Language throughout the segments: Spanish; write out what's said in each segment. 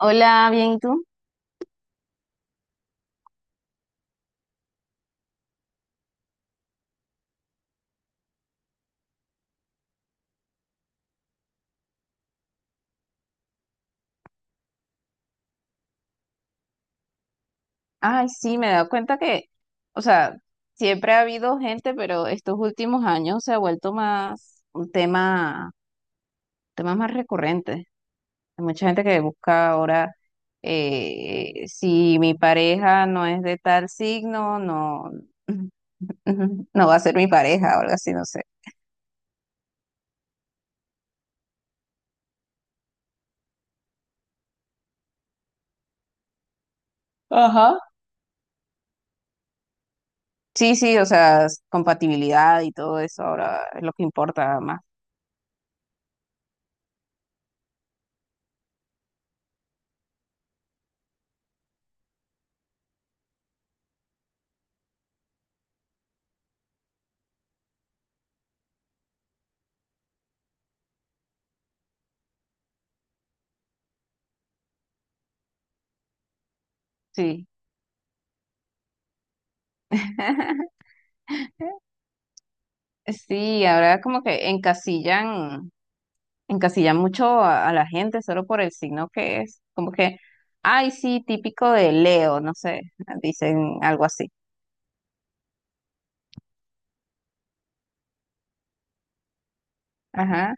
Hola, bien, ¿y tú? Ay, sí, me he dado cuenta que, o sea, siempre ha habido gente, pero estos últimos años se ha vuelto más un tema, temas más recurrentes. Hay mucha gente que busca ahora si mi pareja no es de tal signo, no, no va a ser mi pareja o algo así, no sé. Ajá. Sí, sí, o sea, compatibilidad y todo eso ahora es lo que importa más. Sí. Sí, ahora como que encasillan. Encasilla mucho a la gente solo por el signo que es. Como que, ay, sí, típico de Leo, no sé, dicen algo así. Ajá,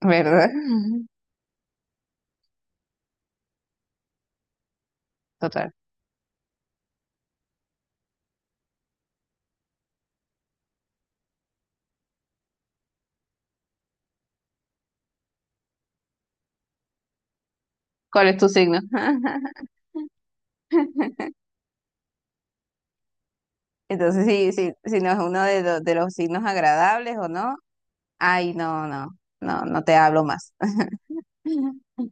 ¿verdad? Ujú. Total. ¿Cuál es tu signo? Entonces, sí, sí, si no es uno de, de los signos agradables o no, ay, no, no, no, no te hablo más.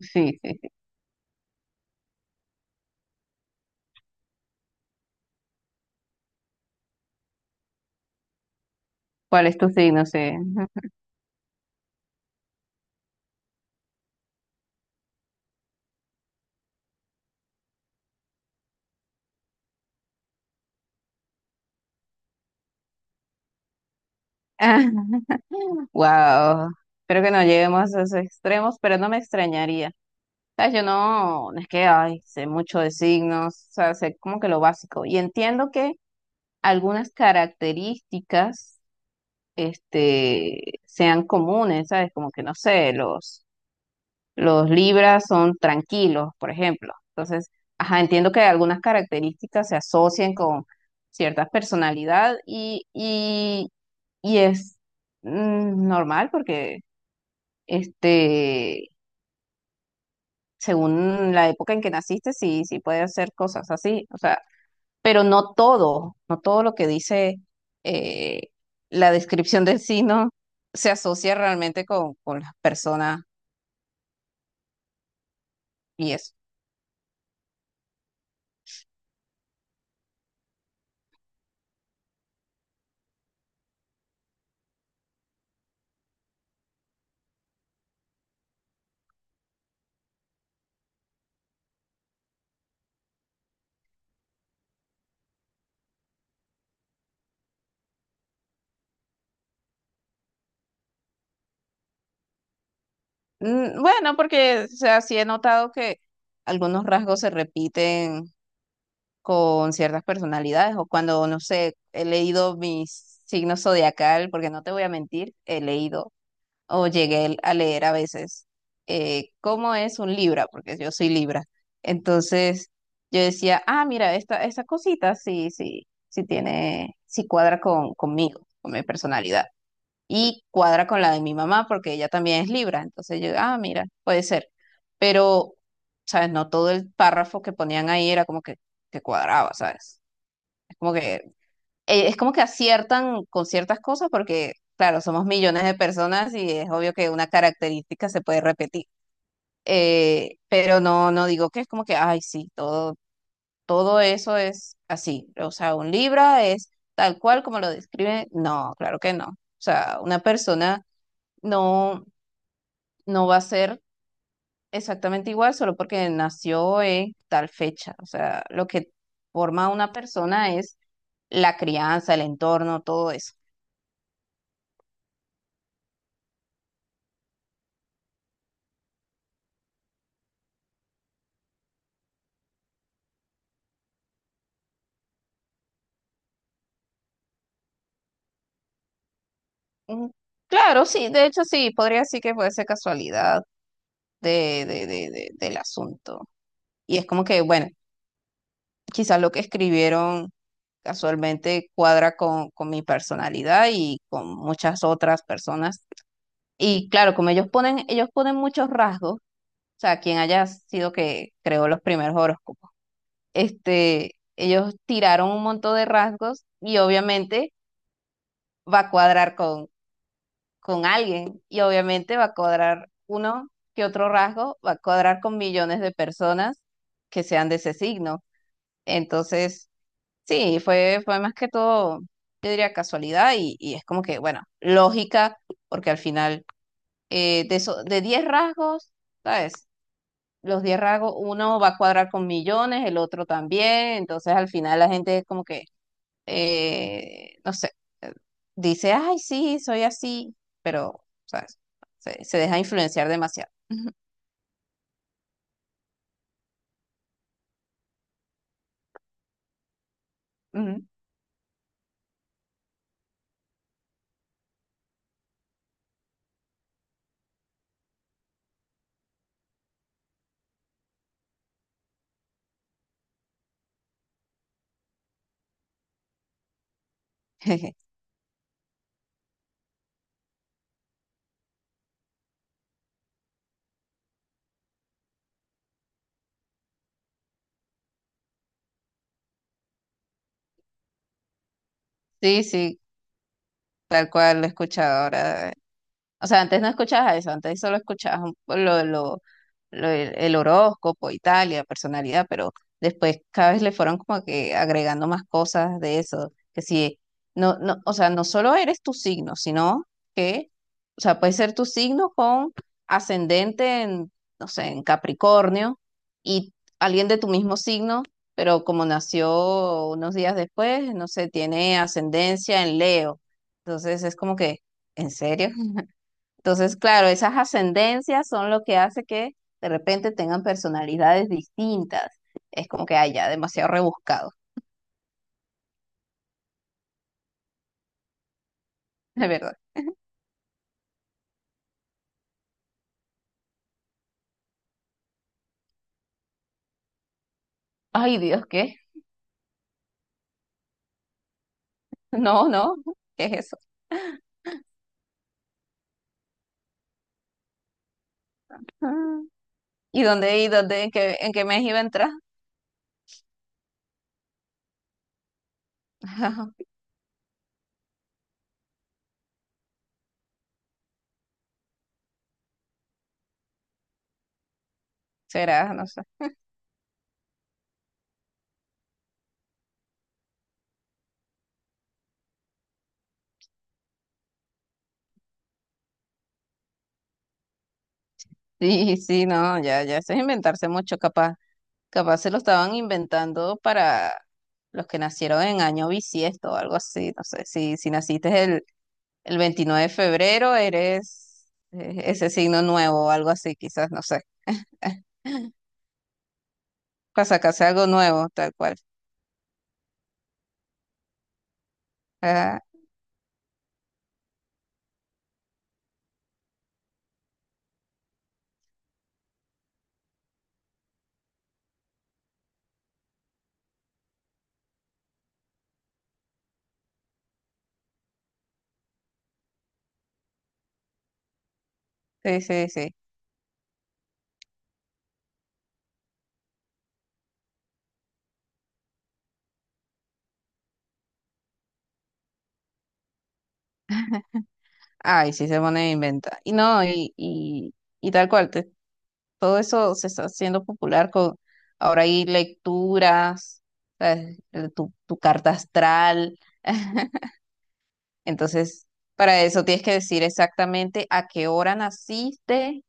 Sí, sí, sí. ¿Cuál es tu signo? Sí. Wow. Espero que no lleguemos a esos extremos, pero no me extrañaría. Sea, yo no, no es que ay, sé mucho de signos, o sea, sé como que lo básico. Y entiendo que algunas características sean comunes, ¿sabes? Como que no sé, los Libras son tranquilos, por ejemplo. Entonces, ajá, entiendo que algunas características se asocian con cierta personalidad y es normal porque este. según la época en que naciste, sí, sí puede hacer cosas así, o sea, pero no todo, no todo lo que dice eh, la descripción del signo se asocia realmente con las personas y eso. Bueno, porque, o sea, sí he notado que algunos rasgos se repiten con ciertas personalidades o cuando, no sé, he leído mis signos zodiacal, porque no te voy a mentir, he leído o llegué a leer a veces cómo es un libra, porque yo soy libra. Entonces yo decía, ah, mira, esta cosita sí, sí, sí tiene, sí cuadra con, conmigo, con mi personalidad. Y cuadra con la de mi mamá, porque ella también es libra. Entonces yo, ah, mira, puede ser. Pero, ¿sabes? No todo el párrafo que ponían ahí era como que cuadraba, ¿sabes? Es como que es como que aciertan con ciertas cosas porque, claro, somos millones de personas y es obvio que una característica se puede repetir. Pero no, no digo que es como que, ay, sí, todo, todo eso es así. O sea, un Libra es tal cual como lo describe. No, claro que no. O sea, una persona no, no va a ser exactamente igual solo porque nació en tal fecha. O sea, lo que forma a una persona es la crianza, el entorno, todo eso. Mm, Claro, sí, de hecho sí, podría decir que puede ser casualidad del asunto. Y es como que, bueno, quizás lo que escribieron casualmente cuadra con mi personalidad y con muchas otras personas. Y claro, como ellos ponen muchos rasgos, o sea, quien haya sido que creó los primeros horóscopos, ellos tiraron un montón de rasgos y obviamente va a cuadrar con alguien y obviamente va a cuadrar uno que otro rasgo, va a cuadrar con millones de personas que sean de ese signo. Entonces, sí, fue más que todo, yo diría casualidad y es como que, bueno, lógica, porque al final de eso, de 10 rasgos, ¿sabes? Los 10 rasgos, uno va a cuadrar con millones, el otro también, entonces al final la gente es como que no sé, eh, dice, ay, sí, soy así, pero, sabes se deja influenciar demasiado. Ujú. Sí, sí, tal cual lo he escuchado ahora. O sea, antes no escuchabas eso, antes solo escuchabas un lo, el horóscopo y tal, y la personalidad, pero después cada vez le fueron como que agregando más cosas de eso, que si, no, no, o sea, no solo eres tu signo, sino que, o sea, puede ser tu signo con ascendente en, no sé, en Capricornio, y alguien de tu mismo signo, pero como nació unos días después, no sé, tiene ascendencia en Leo. Entonces es como que, ¿en serio? Entonces, claro, esas ascendencias son lo que hace que de repente tengan personalidades distintas. Es como que haya demasiado rebuscado, de verdad. Ay, Dios, ¿qué? No, no, ¿qué es eso? Ah, y dónde, en qué mes iba a entrar? Será, no sé. Sí, sí, no, ya, ya, eso es inventarse mucho, capaz, capaz se lo estaban inventando para los que nacieron en año bisiesto o algo así, no sé, si, si naciste El 29 de febrero eres ese signo nuevo o algo así, quizás, no sé. Para sacarse algo nuevo, tal cual. Ajá, sí, sí, sí. Ay, sí se pone a inventa. Y no, y tal cual, todo eso se está haciendo popular con, ahora hay lecturas, ¿sabes? Tu, tu carta astral. Entonces, para eso tienes que decir exactamente a qué hora naciste,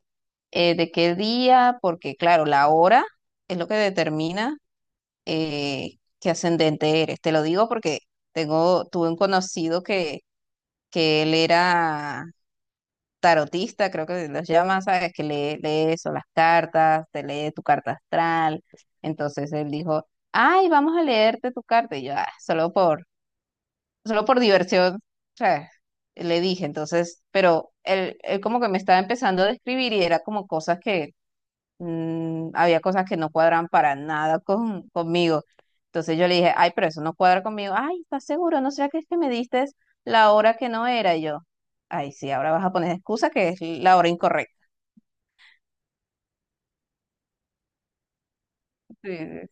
de qué día, porque claro, la hora es lo que determina qué ascendente eres. Te lo digo porque tengo, tuve un conocido que él era tarotista, creo que los llama, ¿sabes? Que lee, lee eso, las cartas, te lee tu carta astral. Entonces él dijo, ay, vamos a leerte tu carta. Y yo, "Ah, solo por, solo por diversión, ¿sabes? Le dije, entonces, pero él como que me estaba empezando a describir y era como cosas que había cosas que no cuadran para nada con, conmigo. Entonces yo le dije, ay, pero eso no cuadra conmigo. Ay, ¿estás seguro? ¿No será que es que me diste la hora que no era? Y yo, ay, sí, ahora vas a poner excusa que es la hora incorrecta. Sí, sí.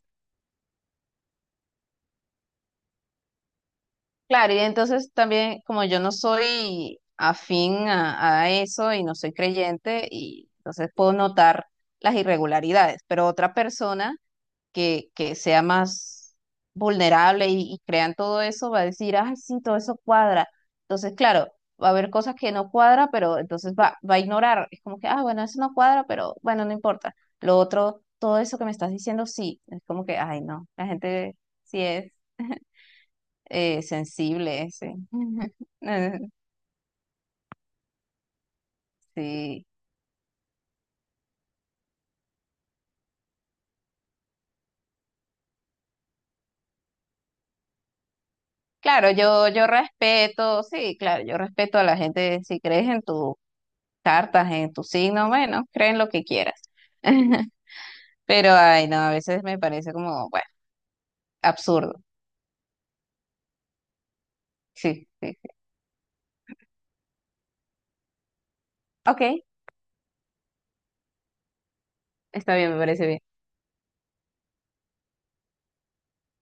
Claro, y entonces también, como yo no soy afín a eso y no soy creyente, y entonces puedo notar las irregularidades, pero otra persona que sea más vulnerable y crean todo eso, va a decir, ay, sí, todo eso cuadra. Entonces, claro, va a haber cosas que no cuadra, pero entonces va, va a ignorar. Es como que, ah, bueno, eso no cuadra, pero bueno, no importa. Lo otro, todo eso que me estás diciendo, sí. Es como que, ay, no, la gente sí es sensible, sí. Eh, Sí. Claro, yo respeto, sí, claro, yo respeto a la gente, si crees en tus cartas, en tu signo, bueno, creen lo que quieras. Pero, ay, no, a veces me parece como, bueno, absurdo. Sí, sí, sí. Ok, está bien, me parece bien.